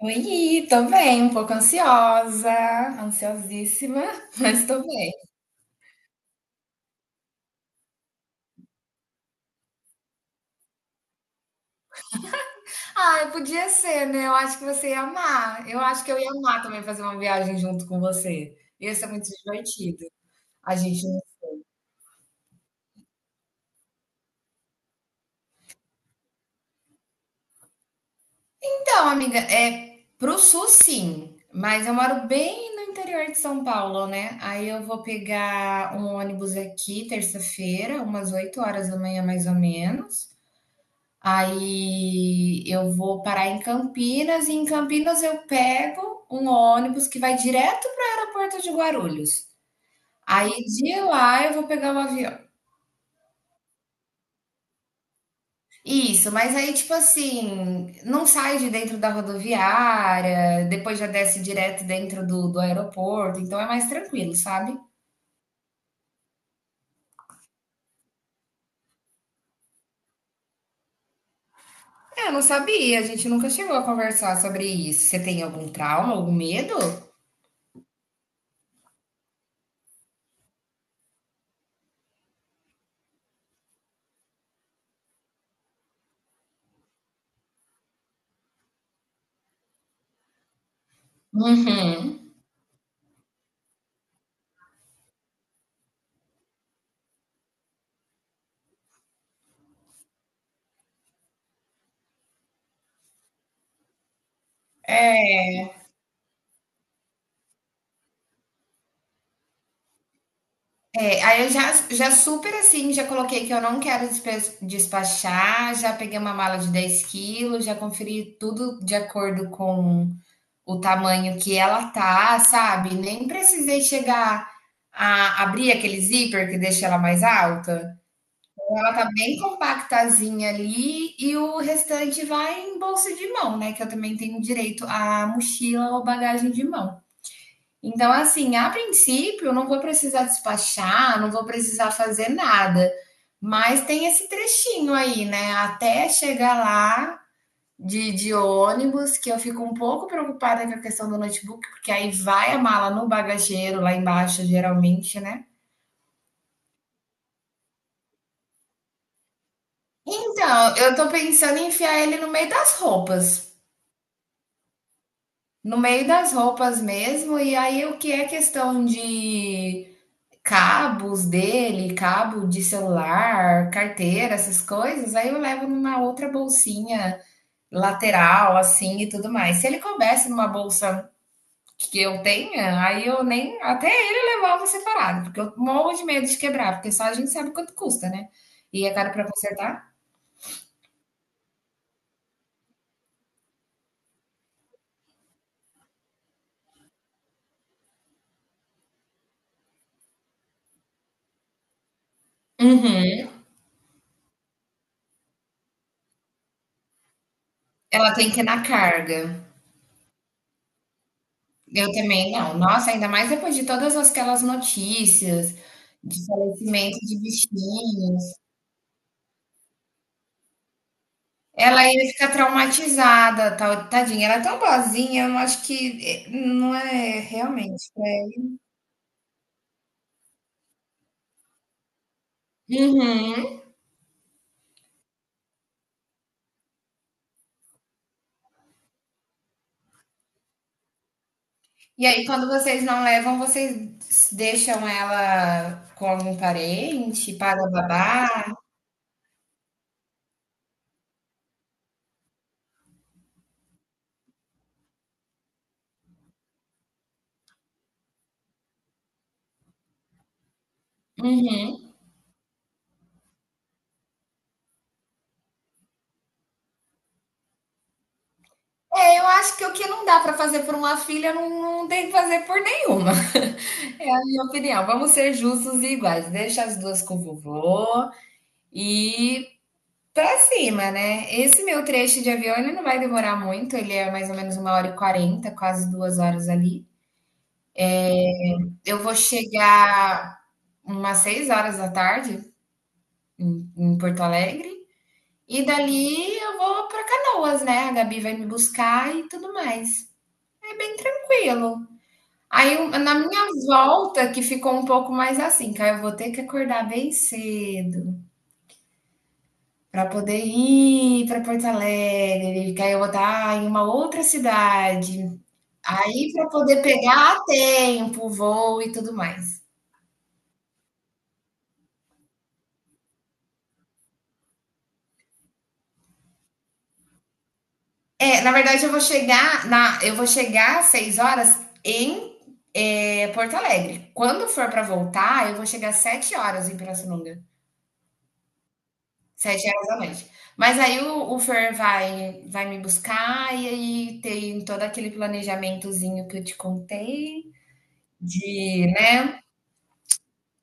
Oi, tô bem, um pouco ansiosa, ansiosíssima, mas tô bem. Ai, podia ser, né? Eu acho que você ia amar. Eu acho que eu ia amar também fazer uma viagem junto com você. Ia ser muito divertido. A gente. Então, amiga, é pro sul sim, mas eu moro bem no interior de São Paulo, né? Aí eu vou pegar um ônibus aqui terça-feira, umas 8 horas da manhã mais ou menos. Aí eu vou parar em Campinas e em Campinas eu pego um ônibus que vai direto para o aeroporto de Guarulhos. Aí de lá eu vou pegar o avião. Isso, mas aí tipo assim, não sai de dentro da rodoviária, depois já desce direto dentro do aeroporto, então é mais tranquilo, sabe? É, eu não sabia, a gente nunca chegou a conversar sobre isso. Você tem algum trauma, algum medo? Uhum. É, aí eu já, já super assim, já coloquei que eu não quero despachar, já peguei uma mala de 10 quilos, já conferi tudo de acordo com o tamanho que ela tá, sabe? Nem precisei chegar a abrir aquele zíper que deixa ela mais alta. Então, ela tá bem compactazinha ali e o restante vai em bolsa de mão, né? Que eu também tenho direito à mochila ou bagagem de mão. Então, assim, a princípio, eu não vou precisar despachar, não vou precisar fazer nada. Mas tem esse trechinho aí, né? Até chegar lá de ônibus, que eu fico um pouco preocupada com a questão do notebook, porque aí vai a mala no bagageiro lá embaixo, geralmente, né? Então, eu tô pensando em enfiar ele no meio das roupas. No meio das roupas mesmo, e aí o que é questão de cabos dele, cabo de celular, carteira, essas coisas, aí eu levo numa outra bolsinha lateral, assim e tudo mais. Se ele coubesse numa bolsa que eu tenha, aí eu nem. Até ele levava separado, porque eu morro de medo de quebrar, porque só a gente sabe quanto custa, né? E é caro pra consertar. Uhum. Ela tem que ir na carga. Eu também não. Nossa, ainda mais depois de todas aquelas notícias de falecimento de bichinho. Ela ia ficar traumatizada, tal, tadinha. Ela é tão boazinha, eu não acho que eh, não é realmente. É. Uhum. E aí, quando vocês não levam, vocês deixam ela com algum parente, paga babá? Uhum. É, eu acho que o que não dá pra fazer por uma filha, não, não tem que fazer por nenhuma. É a minha opinião. Vamos ser justos e iguais. Deixa as duas com o vovô e pra cima, né? Esse meu trecho de avião, ele não vai demorar muito, ele é mais ou menos 1 hora e 40, quase 2 horas ali. Eu vou chegar umas 6 horas da tarde em, em Porto Alegre, e dali eu vou pra Canoas, né? A Gabi vai me buscar e tudo mais. É bem tranquilo. Aí, na minha volta, que ficou um pouco mais assim, que aí eu vou ter que acordar bem cedo para poder ir para Porto Alegre, que aí eu vou estar em uma outra cidade. Aí para poder pegar a tempo, voo e tudo mais. É, na verdade eu vou chegar na, eu vou chegar às 6 horas em Porto Alegre. Quando for para voltar, eu vou chegar às 7 horas em Pirassununga, 7 horas da noite. Mas aí o Fer vai me buscar e aí tem todo aquele planejamentozinho que eu te contei de, né,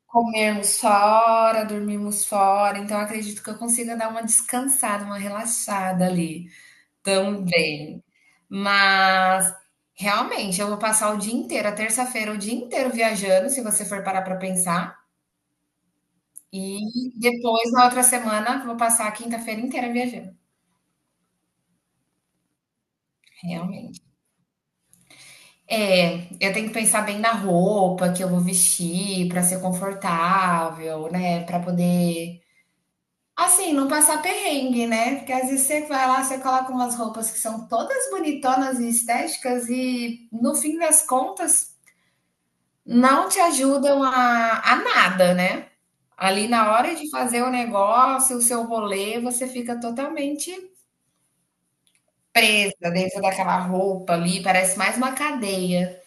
comermos fora, dormirmos fora. Então eu acredito que eu consiga dar uma descansada, uma relaxada ali. Também. Mas realmente eu vou passar o dia inteiro, a terça-feira, o dia inteiro viajando, se você for parar para pensar, e depois na outra semana vou passar a quinta-feira inteira viajando, realmente. É, eu tenho que pensar bem na roupa que eu vou vestir para ser confortável, né, para poder assim, não passar perrengue, né? Porque às vezes você vai lá, você coloca umas roupas que são todas bonitonas e estéticas, e no fim das contas, não te ajudam a nada, né. Ali na hora de fazer o negócio, o seu rolê, você fica totalmente presa dentro daquela roupa ali, parece mais uma cadeia.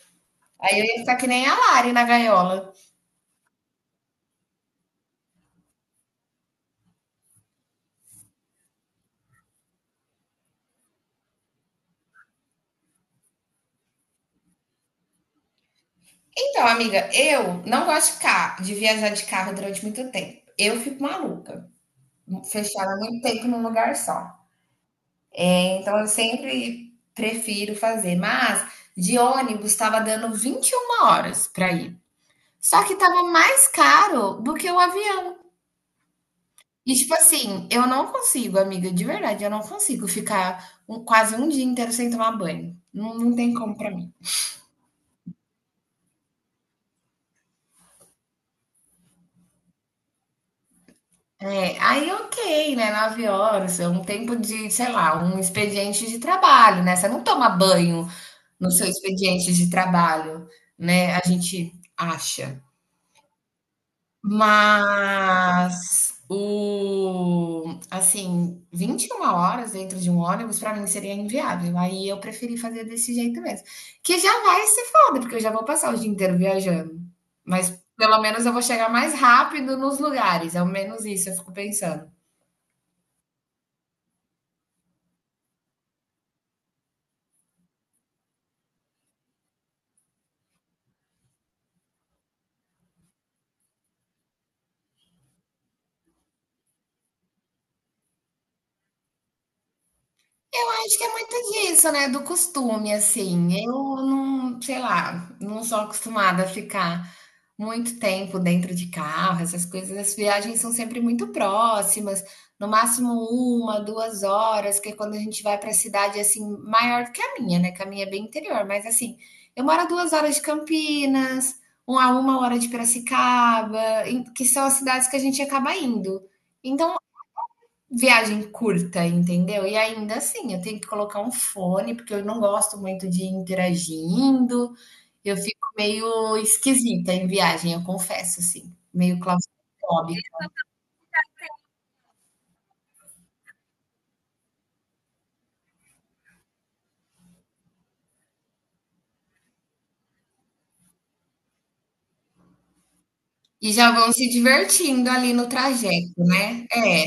Aí eu ia ficar que nem a Lari na gaiola. Então amiga, eu não gosto de ca de viajar de carro durante muito tempo. Eu fico maluca, fechada muito tempo num lugar só. Então eu sempre prefiro fazer, mas de ônibus estava dando 21 horas para ir. Só que tava mais caro do que o avião. E tipo assim, eu não consigo, amiga, de verdade, eu não consigo ficar quase um dia inteiro sem tomar banho. Não, não tem como pra mim. É, aí ok, né? 9 horas, é um tempo de, sei lá, um expediente de trabalho, né? Você não toma banho no seu expediente de trabalho, né? A gente acha. Mas o assim, 21 horas dentro de um ônibus para mim seria inviável, aí eu preferi fazer desse jeito mesmo, que já vai ser foda, porque eu já vou passar o dia inteiro viajando, mas pelo menos eu vou chegar mais rápido nos lugares, ao menos isso eu fico pensando. Eu acho que é muito disso, né, do costume, assim, eu não sei lá, não sou acostumada a ficar muito tempo dentro de carro, essas coisas, as viagens são sempre muito próximas, no máximo uma, 2 horas, que é quando a gente vai para cidade, assim, maior do que a minha, né, que a minha é bem interior, mas assim, eu moro a 2 horas de Campinas, um a 1 hora de Piracicaba, em que são as cidades que a gente acaba indo. Então viagem curta, entendeu? E ainda assim, eu tenho que colocar um fone, porque eu não gosto muito de ir interagindo. Eu fico meio esquisita em viagem, eu confesso, assim, meio claustrofóbica. E já vão se divertindo ali no trajeto, né? É.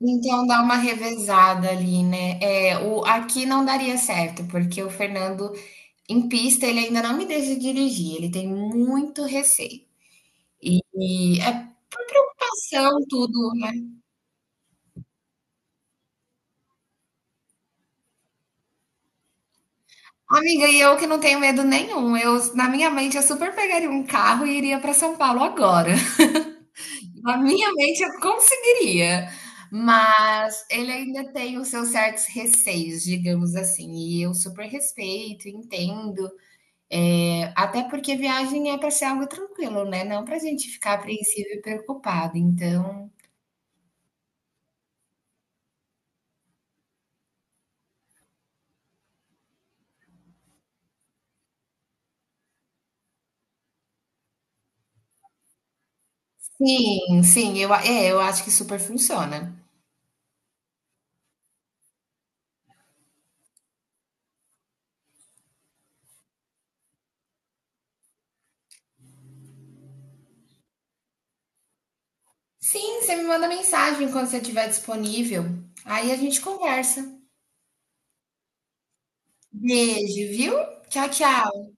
Então dá uma revezada ali, né? É, o, aqui não daria certo, porque o Fernando, em pista, ele ainda não me deixa dirigir, ele tem muito receio. E é preocupação, tudo, né? Amiga, e eu que não tenho medo nenhum. Eu, na minha mente, eu super pegaria um carro e iria para São Paulo agora. Na minha mente, eu conseguiria. Mas ele ainda tem os seus certos receios, digamos assim. E eu super respeito, entendo. É, até porque viagem é para ser algo tranquilo, né? Não para a gente ficar apreensivo e preocupado. Então, sim, sim, eu, é, eu acho que super funciona. Sim, você me manda mensagem quando você estiver disponível. Aí a gente conversa. Beijo, viu? Tchau, tchau.